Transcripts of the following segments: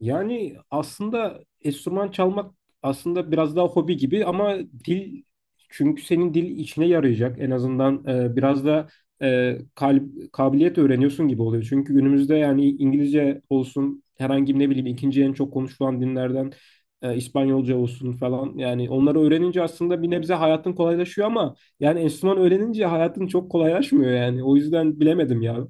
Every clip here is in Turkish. Yani aslında enstrüman çalmak aslında biraz daha hobi gibi ama dil çünkü senin dil içine yarayacak en azından biraz da kabiliyet öğreniyorsun gibi oluyor. Çünkü günümüzde yani İngilizce olsun herhangi ne bileyim ikinci en çok konuşulan dinlerden İspanyolca olsun falan yani onları öğrenince aslında bir nebze hayatın kolaylaşıyor ama yani enstrüman öğrenince hayatın çok kolaylaşmıyor yani o yüzden bilemedim ya.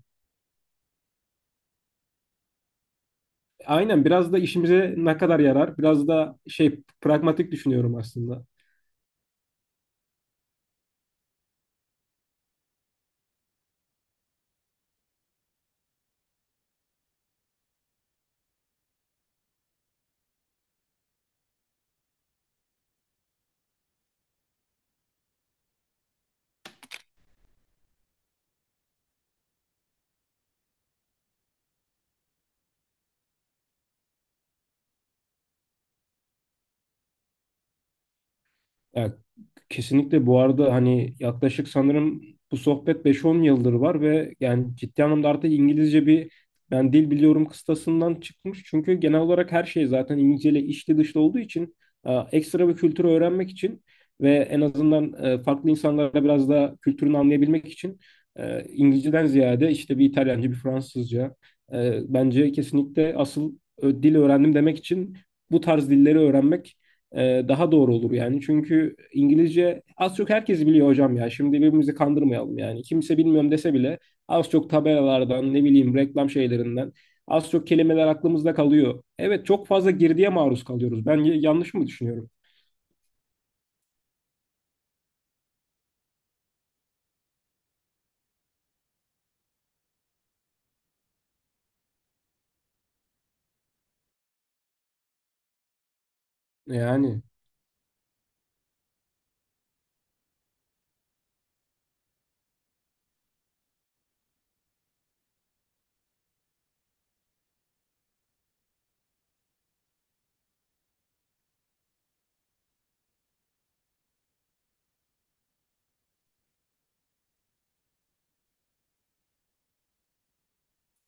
Aynen biraz da işimize ne kadar yarar? Biraz da şey pragmatik düşünüyorum aslında. Evet, kesinlikle bu arada hani yaklaşık sanırım bu sohbet 5-10 yıldır var ve yani ciddi anlamda artık İngilizce bir ben dil biliyorum kıstasından çıkmış. Çünkü genel olarak her şey zaten İngilizce ile içli dışlı olduğu için ekstra bir kültürü öğrenmek için ve en azından farklı insanlara biraz daha kültürünü anlayabilmek için İngilizceden ziyade işte bir İtalyanca, bir Fransızca bence kesinlikle asıl dil öğrendim demek için bu tarz dilleri öğrenmek daha doğru olur yani. Çünkü İngilizce az çok herkes biliyor hocam ya. Şimdi birbirimizi kandırmayalım yani. Kimse bilmiyorum dese bile az çok tabelalardan ne bileyim reklam şeylerinden az çok kelimeler aklımızda kalıyor. Evet, çok fazla girdiye maruz kalıyoruz. Ben yanlış mı düşünüyorum? Yani.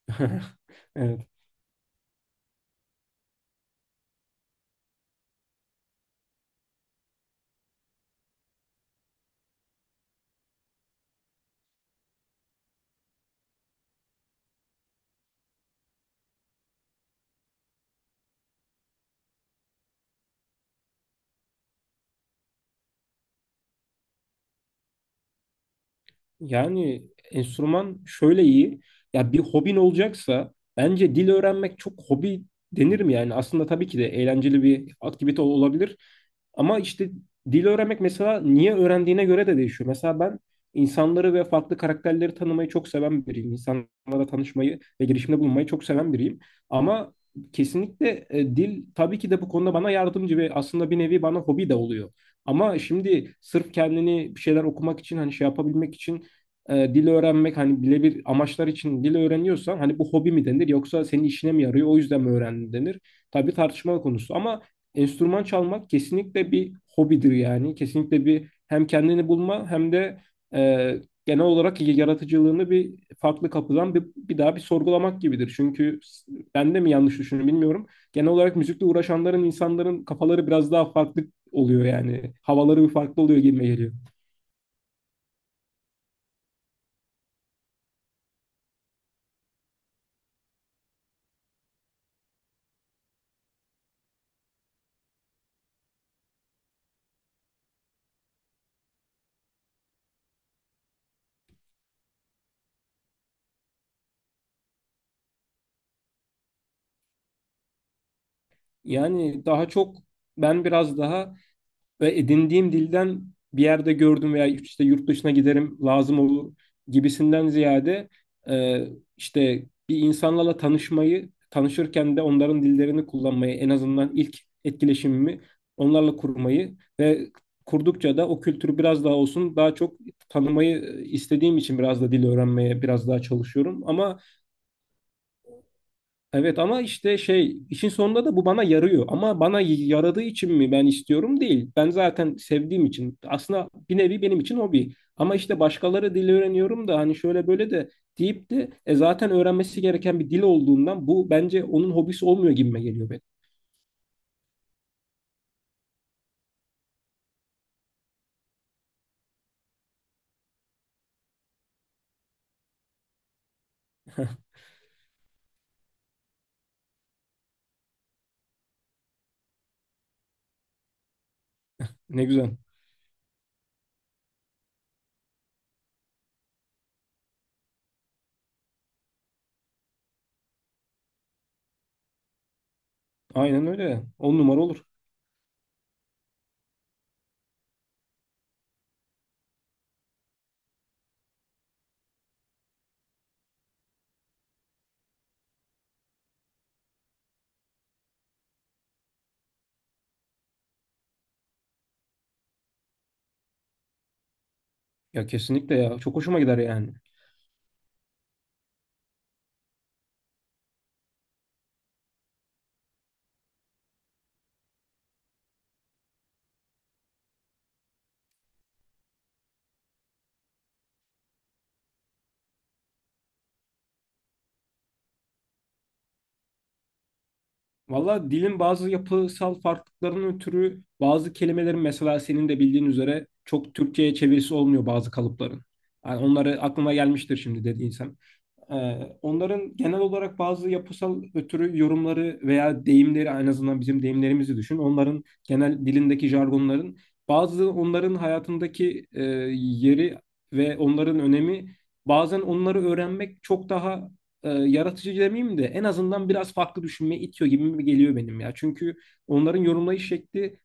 Evet. Yani enstrüman şöyle iyi. Ya bir hobin olacaksa bence dil öğrenmek çok hobi denir mi yani? Aslında tabii ki de eğlenceli bir aktivite olabilir. Ama işte dil öğrenmek mesela niye öğrendiğine göre de değişiyor. Mesela ben insanları ve farklı karakterleri tanımayı çok seven biriyim. İnsanlarla tanışmayı ve girişimde bulunmayı çok seven biriyim. Ama kesinlikle dil tabii ki de bu konuda bana yardımcı ve aslında bir nevi bana hobi de oluyor. Ama şimdi sırf kendini bir şeyler okumak için hani şey yapabilmek için dil öğrenmek hani birebir amaçlar için dil öğreniyorsan hani bu hobi mi denir yoksa senin işine mi yarıyor o yüzden mi öğrendin denir. Tabii tartışmalı konusu ama enstrüman çalmak kesinlikle bir hobidir yani. Kesinlikle bir hem kendini bulma hem de e, genel olarak yaratıcılığını bir farklı kapıdan bir daha bir sorgulamak gibidir. Çünkü ben de mi yanlış düşünüyorum bilmiyorum. Genel olarak müzikle uğraşanların insanların kafaları biraz daha farklı oluyor yani. Havaları bir farklı oluyor gibime geliyor. Yani daha çok ben biraz daha ve edindiğim dilden bir yerde gördüm veya işte yurt dışına giderim lazım olur gibisinden ziyade e, işte bir insanlarla tanışmayı tanışırken de onların dillerini kullanmayı en azından ilk etkileşimimi onlarla kurmayı ve kurdukça da o kültürü biraz daha olsun daha çok tanımayı istediğim için biraz da dil öğrenmeye biraz daha çalışıyorum ama evet ama işte şey işin sonunda da bu bana yarıyor. Ama bana yaradığı için mi ben istiyorum değil. Ben zaten sevdiğim için. Aslında bir nevi benim için hobi. Ama işte başkaları dil öğreniyorum da hani şöyle böyle de deyip de zaten öğrenmesi gereken bir dil olduğundan bu bence onun hobisi olmuyor gibime geliyor benim. Ne güzel. Aynen öyle. On numara olur. Ya kesinlikle ya. Çok hoşuma gider yani. Valla dilin bazı yapısal farklılıklarının ötürü bazı kelimelerin mesela senin de bildiğin üzere çok Türkçe'ye çevirisi olmuyor bazı kalıpların. Yani onları aklıma gelmiştir şimdi dediğin. Onların genel olarak bazı yapısal ötürü yorumları veya deyimleri en azından bizim deyimlerimizi düşün. Onların genel dilindeki jargonların bazı onların hayatındaki yeri ve onların önemi, bazen onları öğrenmek çok daha yaratıcı demeyeyim de en azından biraz farklı düşünmeye itiyor gibi mi geliyor benim ya. Çünkü onların yorumlayış şekli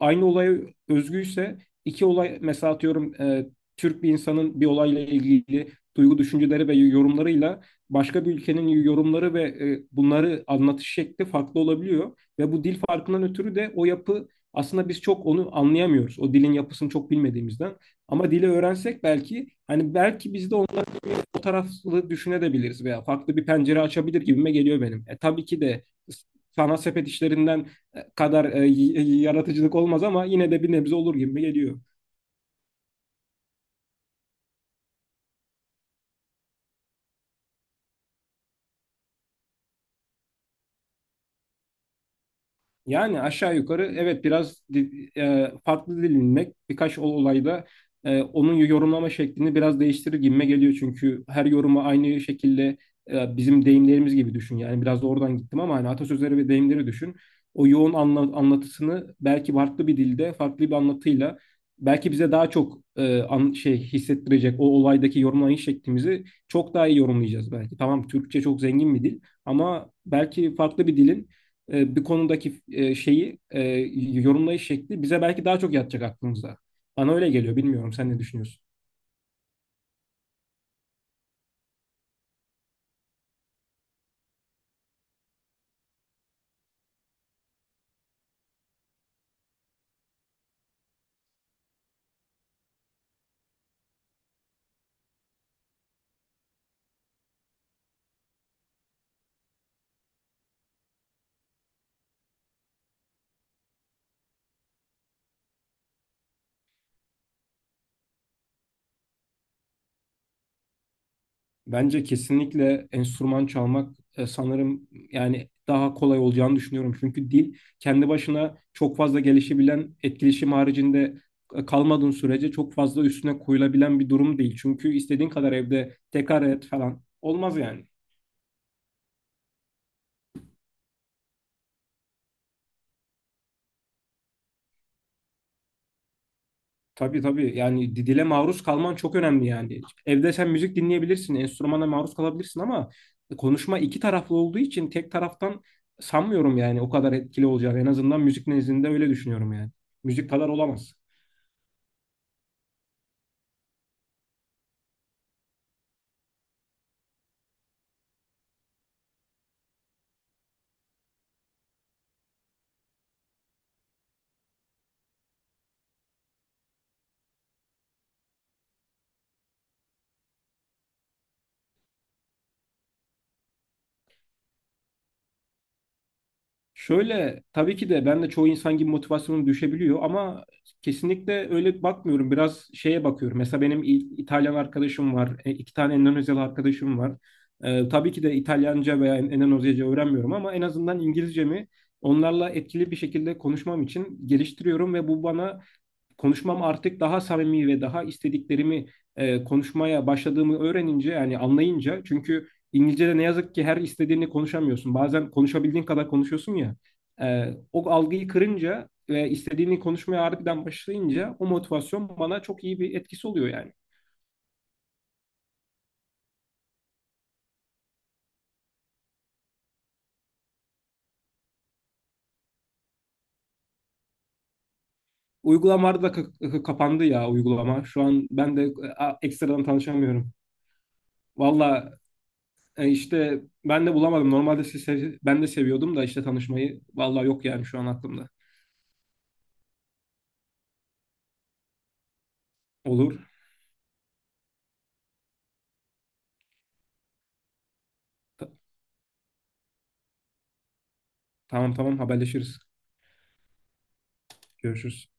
aynı olaya özgüyse iki olay mesela atıyorum Türk bir insanın bir olayla ilgili duygu düşünceleri ve yorumlarıyla başka bir ülkenin yorumları ve bunları anlatış şekli farklı olabiliyor. Ve bu dil farkından ötürü de o yapı aslında biz çok onu anlayamıyoruz. O dilin yapısını çok bilmediğimizden. Ama dili öğrensek belki hani belki biz de onların o taraflı düşünebiliriz veya farklı bir pencere açabilir gibime geliyor benim. Tabii ki de sanat sepet işlerinden kadar yaratıcılık olmaz ama yine de bir nebze olur gibi geliyor. Yani aşağı yukarı evet, biraz farklı dilinmek birkaç olayda onun yorumlama şeklini biraz değiştirir gibime geliyor. Çünkü her yorumu aynı şekilde bizim deyimlerimiz gibi düşün. Yani biraz da oradan gittim ama hani atasözleri ve deyimleri düşün. O yoğun anlatısını belki farklı bir dilde, farklı bir anlatıyla belki bize daha çok şey hissettirecek, o olaydaki yorumlayış şeklimizi çok daha iyi yorumlayacağız belki. Tamam, Türkçe çok zengin bir dil ama belki farklı bir dilin bir konudaki şeyi yorumlayış şekli bize belki daha çok yatacak aklımızda. Bana öyle geliyor. Bilmiyorum, sen ne düşünüyorsun? Bence kesinlikle enstrüman çalmak sanırım yani daha kolay olacağını düşünüyorum. Çünkü dil kendi başına çok fazla gelişebilen, etkileşim haricinde kalmadığın sürece çok fazla üstüne koyulabilen bir durum değil. Çünkü istediğin kadar evde tekrar et falan olmaz yani. Tabii tabii yani dile maruz kalman çok önemli yani. Evde sen müzik dinleyebilirsin, enstrümana maruz kalabilirsin ama konuşma iki taraflı olduğu için tek taraftan sanmıyorum yani o kadar etkili olacağını. En azından müzik nezdinde öyle düşünüyorum yani. Müzik kadar olamaz. Şöyle, tabii ki de ben de çoğu insan gibi motivasyonum düşebiliyor ama kesinlikle öyle bakmıyorum. Biraz şeye bakıyorum. Mesela benim İtalyan arkadaşım var. E, iki tane Endonezyalı arkadaşım var. Tabii ki de İtalyanca veya Endonezyaca öğrenmiyorum ama en azından İngilizcemi onlarla etkili bir şekilde konuşmam için geliştiriyorum ve bu bana konuşmam artık daha samimi ve daha istediklerimi konuşmaya başladığımı öğrenince yani anlayınca, çünkü İngilizce'de ne yazık ki her istediğini konuşamıyorsun. Bazen konuşabildiğin kadar konuşuyorsun ya. O algıyı kırınca ve istediğini konuşmaya harbiden başlayınca o motivasyon bana çok iyi bir etkisi oluyor yani. Uygulamalarda da kapandı ya uygulama. Şu an ben de ekstradan tanışamıyorum. Valla işte ben de bulamadım. Normalde siz ben de seviyordum da işte tanışmayı. Valla yok yani şu an aklımda. Olur. Ta- tamam tamam, haberleşiriz. Görüşürüz.